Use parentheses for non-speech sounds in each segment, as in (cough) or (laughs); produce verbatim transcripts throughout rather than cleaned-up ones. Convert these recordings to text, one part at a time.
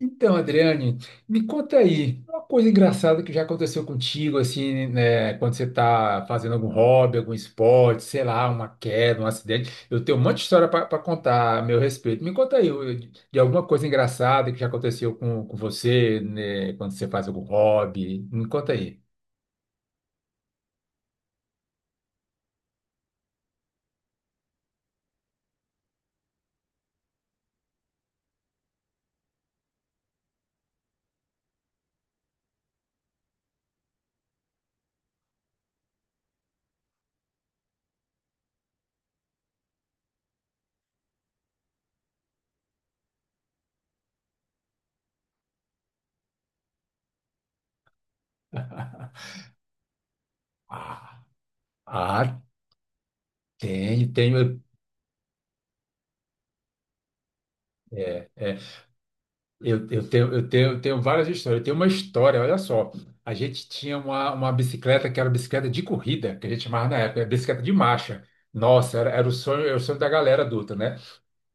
Então, Adriane, me conta aí, uma coisa engraçada que já aconteceu contigo, assim, né, quando você está fazendo algum hobby, algum esporte, sei lá, uma queda, um acidente. Eu tenho um monte de história para contar a meu respeito. Me conta aí eu- de alguma coisa engraçada que já aconteceu com, com você, né, quando você faz algum hobby. Me conta aí. Ah, ah, tenho, tenho. É. Eu, eu tenho, eu tenho, eu tenho várias histórias. Eu tenho uma história, olha só. A gente tinha uma, uma bicicleta que era bicicleta de corrida, que a gente chamava na época, era bicicleta de marcha. Nossa, era, era o sonho, era o sonho da galera adulta, né?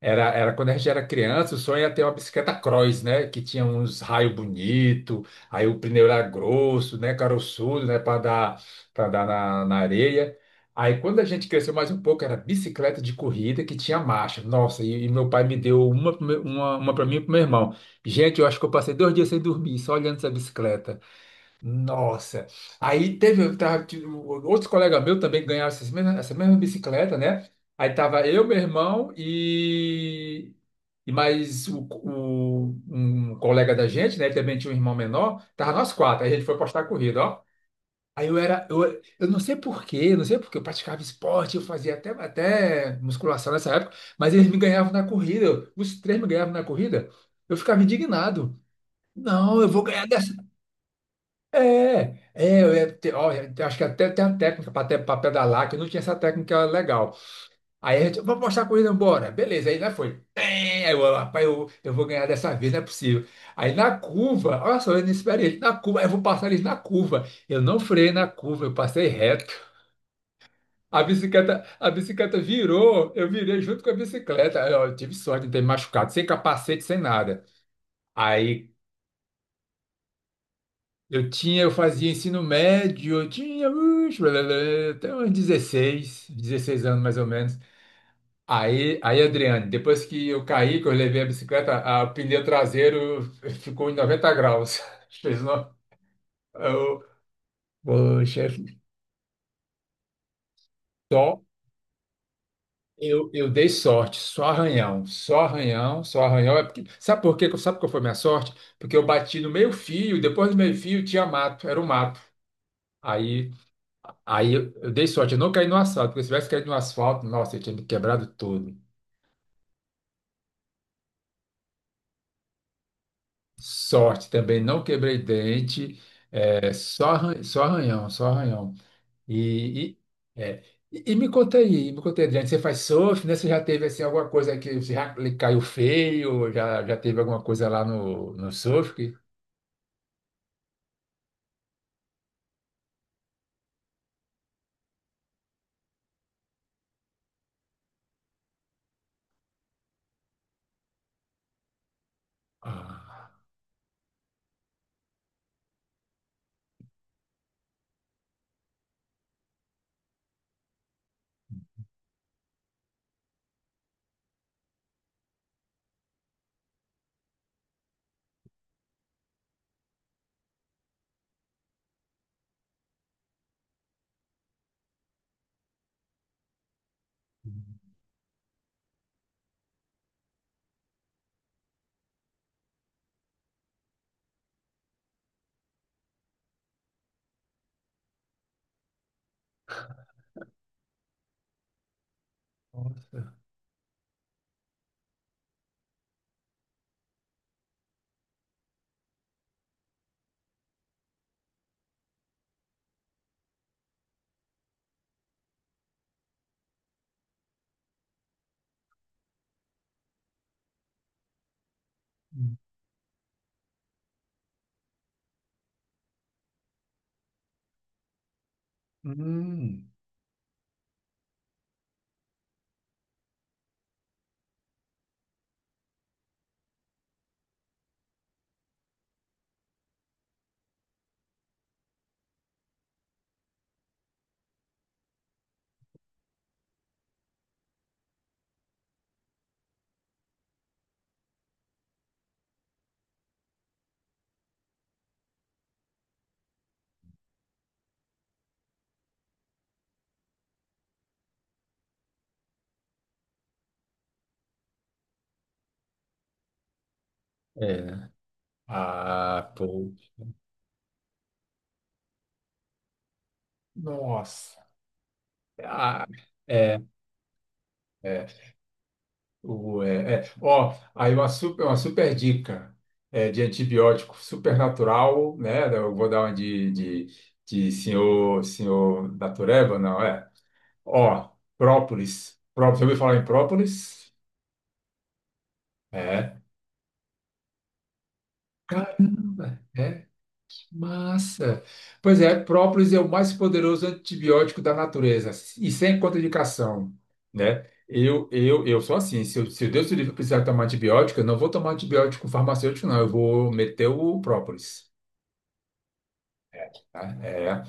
Era, era quando a gente era criança, o sonho era ter uma bicicleta cross, né? Que tinha uns raios bonitos, aí o pneu era grosso, né? Caroçudo, né? Para dar, para dar na, na areia. Aí quando a gente cresceu mais um pouco, era bicicleta de corrida que tinha marcha. Nossa, e, e meu pai me deu uma, pro meu- uma, uma para mim e para meu irmão. Gente, eu acho que eu passei dois dias sem dormir, só olhando essa bicicleta. Nossa. Aí teve, eu tava, tipo, outros colegas meus também ganharam essas mesmas- essa mesma bicicleta, né? Aí tava eu, meu irmão e, e mais o, o- um colega da gente, né? Ele também tinha um irmão menor. Tava nós quatro. Aí a gente foi postar a corrida, ó. Aí eu era, eu, eu não sei por quê, eu não sei porque eu praticava esporte, eu fazia até, até musculação nessa época, mas eles me ganhavam na corrida, os três me ganhavam na corrida, eu ficava indignado. Não, eu vou ganhar. É, é, eu ia ter- ó, eu acho que até tem a técnica para pedalar, que eu não tinha essa técnica legal. Aí a gente, vamos mostrar a corrida, bora. Beleza, aí lá foi. Tem, Aí eu, rapaz, eu, eu vou ganhar dessa vez, não é possível. Aí na curva, olha só, eu não esperei ele na curva, aí eu vou passar eles na curva. Eu não freiei na curva, eu passei reto. A bicicleta, a bicicleta virou, eu virei junto com a bicicleta. Aí, ó, eu tive sorte de não ter me machucado, sem capacete, sem nada. Aí Eu tinha, eu fazia ensino médio, eu tinha uix, blá, blá, blá, até uns dezesseis, dezesseis anos mais ou menos. Aí, aí, Adriane, depois que eu caí, que eu levei a bicicleta, a- o pneu traseiro ficou em noventa graus. (laughs) Fez uma, eu, poxa, só eu, eu dei sorte, só arranhão, só arranhão, só arranhão. É porque, sabe por quê? Sabe qual foi a minha sorte? Porque eu bati no meio-fio, depois do meio-fio tinha mato, era o mato. Aí Aí eu, eu dei sorte, eu não caí no asfalto, porque se tivesse caído no asfalto, nossa, eu tinha me quebrado todo. Sorte também, não quebrei dente, é, só, arran- só arranhão, só arranhão. E, e, é, e, e me conta aí, me conta aí, Adriano, você faz surf, né? Você já teve assim, alguma coisa que você já lhe caiu feio, já, já teve alguma coisa lá no, no surf? que- Ah, nossa. Hum. É. Ah, pô. Nossa. Ah, é. É, O, é, é. Ó, aí uma super, uma super dica é, de antibiótico super natural, né? Eu vou dar uma de, de, de senhor, senhor da Tureba, não é? Ó, própolis. Própolis. Você ouviu falar em própolis? É. Caramba! É. Massa. Pois é, própolis é o mais poderoso antibiótico da natureza e sem contraindicação, né? Eu, eu, eu sou assim, se, eu, se Deus me livre eu precisar tomar antibiótico, eu não vou tomar antibiótico farmacêutico, não, eu vou meter o própolis. Tá? É,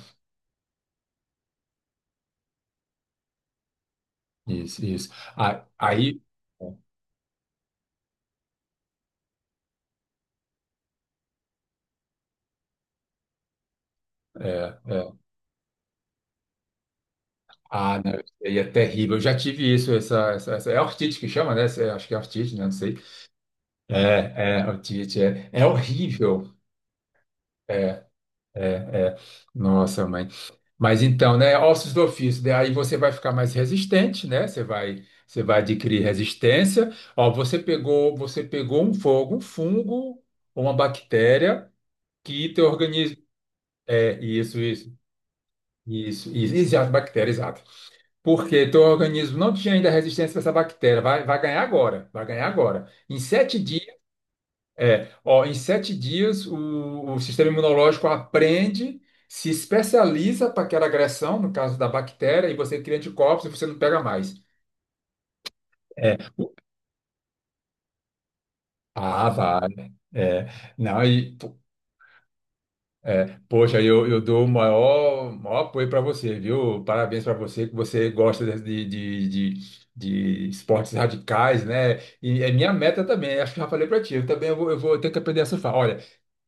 isso, isso. Ah, aí, é, é. Ah, não, isso aí é terrível. Eu já tive isso, essa, essa, essa- é ortite que chama, né? Essa- Acho que é ortite, né? Não sei. É, é, ortite, é, é horrível. É, é. Nossa, mãe. Mas então, né, ossos do ofício, daí você vai ficar mais resistente, né? Você vai, você vai adquirir resistência. Ó, você pegou, você pegou um fogo, um fungo ou uma bactéria que teu organismo, é, isso, isso, isso, isso, exato, bactéria, exato. Porque teu organismo não tinha ainda resistência para essa bactéria, vai, vai ganhar agora, vai ganhar agora. Em sete dias é, ó, Em sete dias o, o sistema imunológico aprende, se especializa para aquela agressão, no caso da bactéria, e você cria anticorpos e você não pega mais. É. o- Ah, vale. É, não, e, po- é, poxa, eu, eu dou o maior, maior apoio para você, viu? Parabéns para você, que você gosta de, de, de, de esportes radicais, né? E é minha meta também, acho que já falei para ti, eu também eu vou, eu vou ter que aprender a surfar. Olha,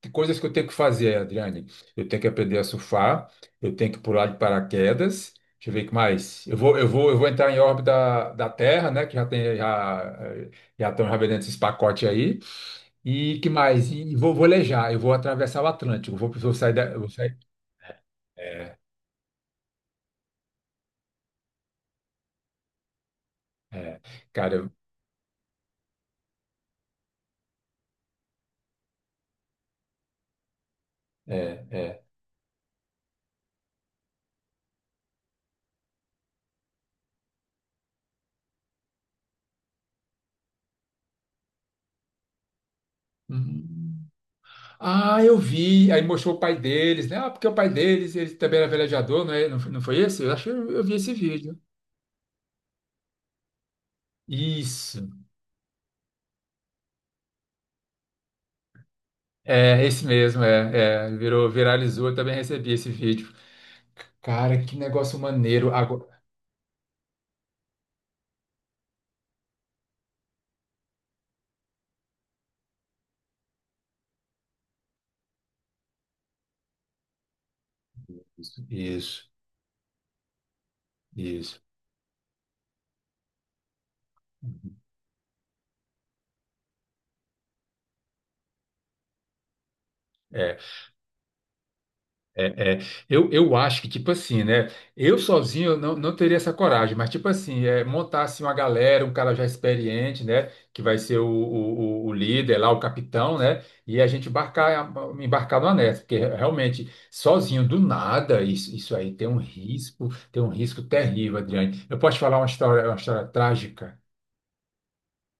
que coisas que eu tenho que fazer, Adriane? Eu tenho que aprender a surfar, eu tenho que pular de paraquedas. Deixa eu ver o que mais. Eu vou, eu vou, eu vou entrar em órbita da Terra, né? Que já tem, já, já estão já vendendo esses pacotes aí. E que mais? E vou velejar, eu vou atravessar o Atlântico. Vou, vou sair da, eu vou sair. É, é, cara, eu- é, é. Hum. Ah, eu vi. Aí mostrou o pai deles, né? Ah, porque o pai deles, ele também era velejador, não é? Não foi não foi esse? Eu acho que eu eu vi esse vídeo. Isso. É, esse mesmo, é, é, virou, viralizou, eu também recebi esse vídeo. Cara, que negócio maneiro. Agora... Isso, isso. Isso. É, é. Eu, eu acho que, tipo assim, né? Eu sozinho eu não, não teria essa coragem, mas, tipo assim, é, montar assim, uma galera, um cara já experiente, né? Que vai ser o, o, o- o líder lá, o capitão, né? E a gente embarcar, embarcar numa nessa, porque realmente, sozinho, do nada, isso, isso aí tem um risco, tem um risco terrível, Adriane. Eu posso te falar uma história, uma história trágica?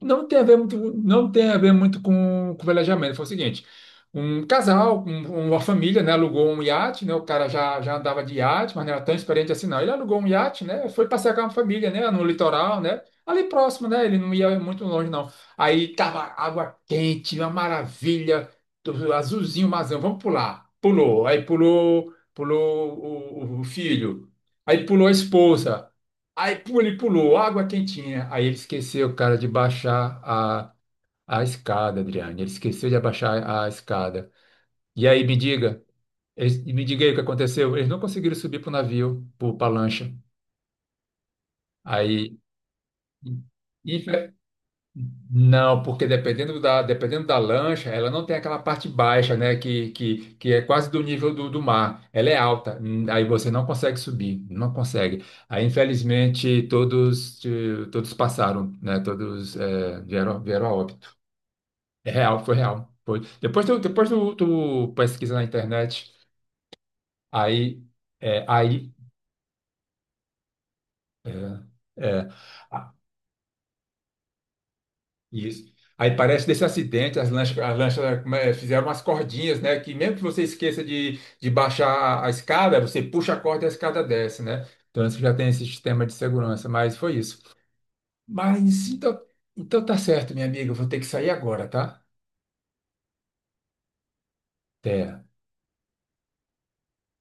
Não tem a ver muito, não tem a ver muito com, com velejamento. Foi o seguinte, um casal, um- uma família, né, alugou um iate, né, o cara já, já andava de iate, mas não era tão experiente assim, não. Ele alugou um iate, né, foi passear com a família, né, no litoral, né, ali próximo, né, ele não ia muito longe, não. Aí tava água quente, uma maravilha, tudo azulzinho, mazão, vamos pular. Pulou, aí pulou, pulou o o- o filho, aí pulou a esposa. Aí pu- ele pulou, água quentinha. Aí ele esqueceu, cara, de baixar a, a escada, Adriane. Ele esqueceu de abaixar a escada. E aí, me diga, eles- me diga aí o que aconteceu. Eles não conseguiram subir pro navio, pro, pra lancha. Aí, não, porque dependendo da, dependendo da lancha, ela não tem aquela parte baixa, né? Que, que, que é quase do nível do, do mar. Ela é alta, hum, aí você não consegue subir, não consegue. Aí, infelizmente, todos, eh, todos passaram, né? Todos, eh, vieram, vieram a óbito. É real, foi real. Foi. Depois tu, depois tu, tu pesquisa na internet, aí, é, aí, é, é. Isso. Aí parece desse acidente, as lanchas, as lanchas como é, fizeram umas cordinhas, né? Que mesmo que você esqueça de, de baixar a, a escada, você puxa a corda e a escada desce, né? Então isso já tem esse sistema de segurança, mas foi isso. Mas então, então tá certo, minha amiga, eu vou ter que sair agora, tá? Até.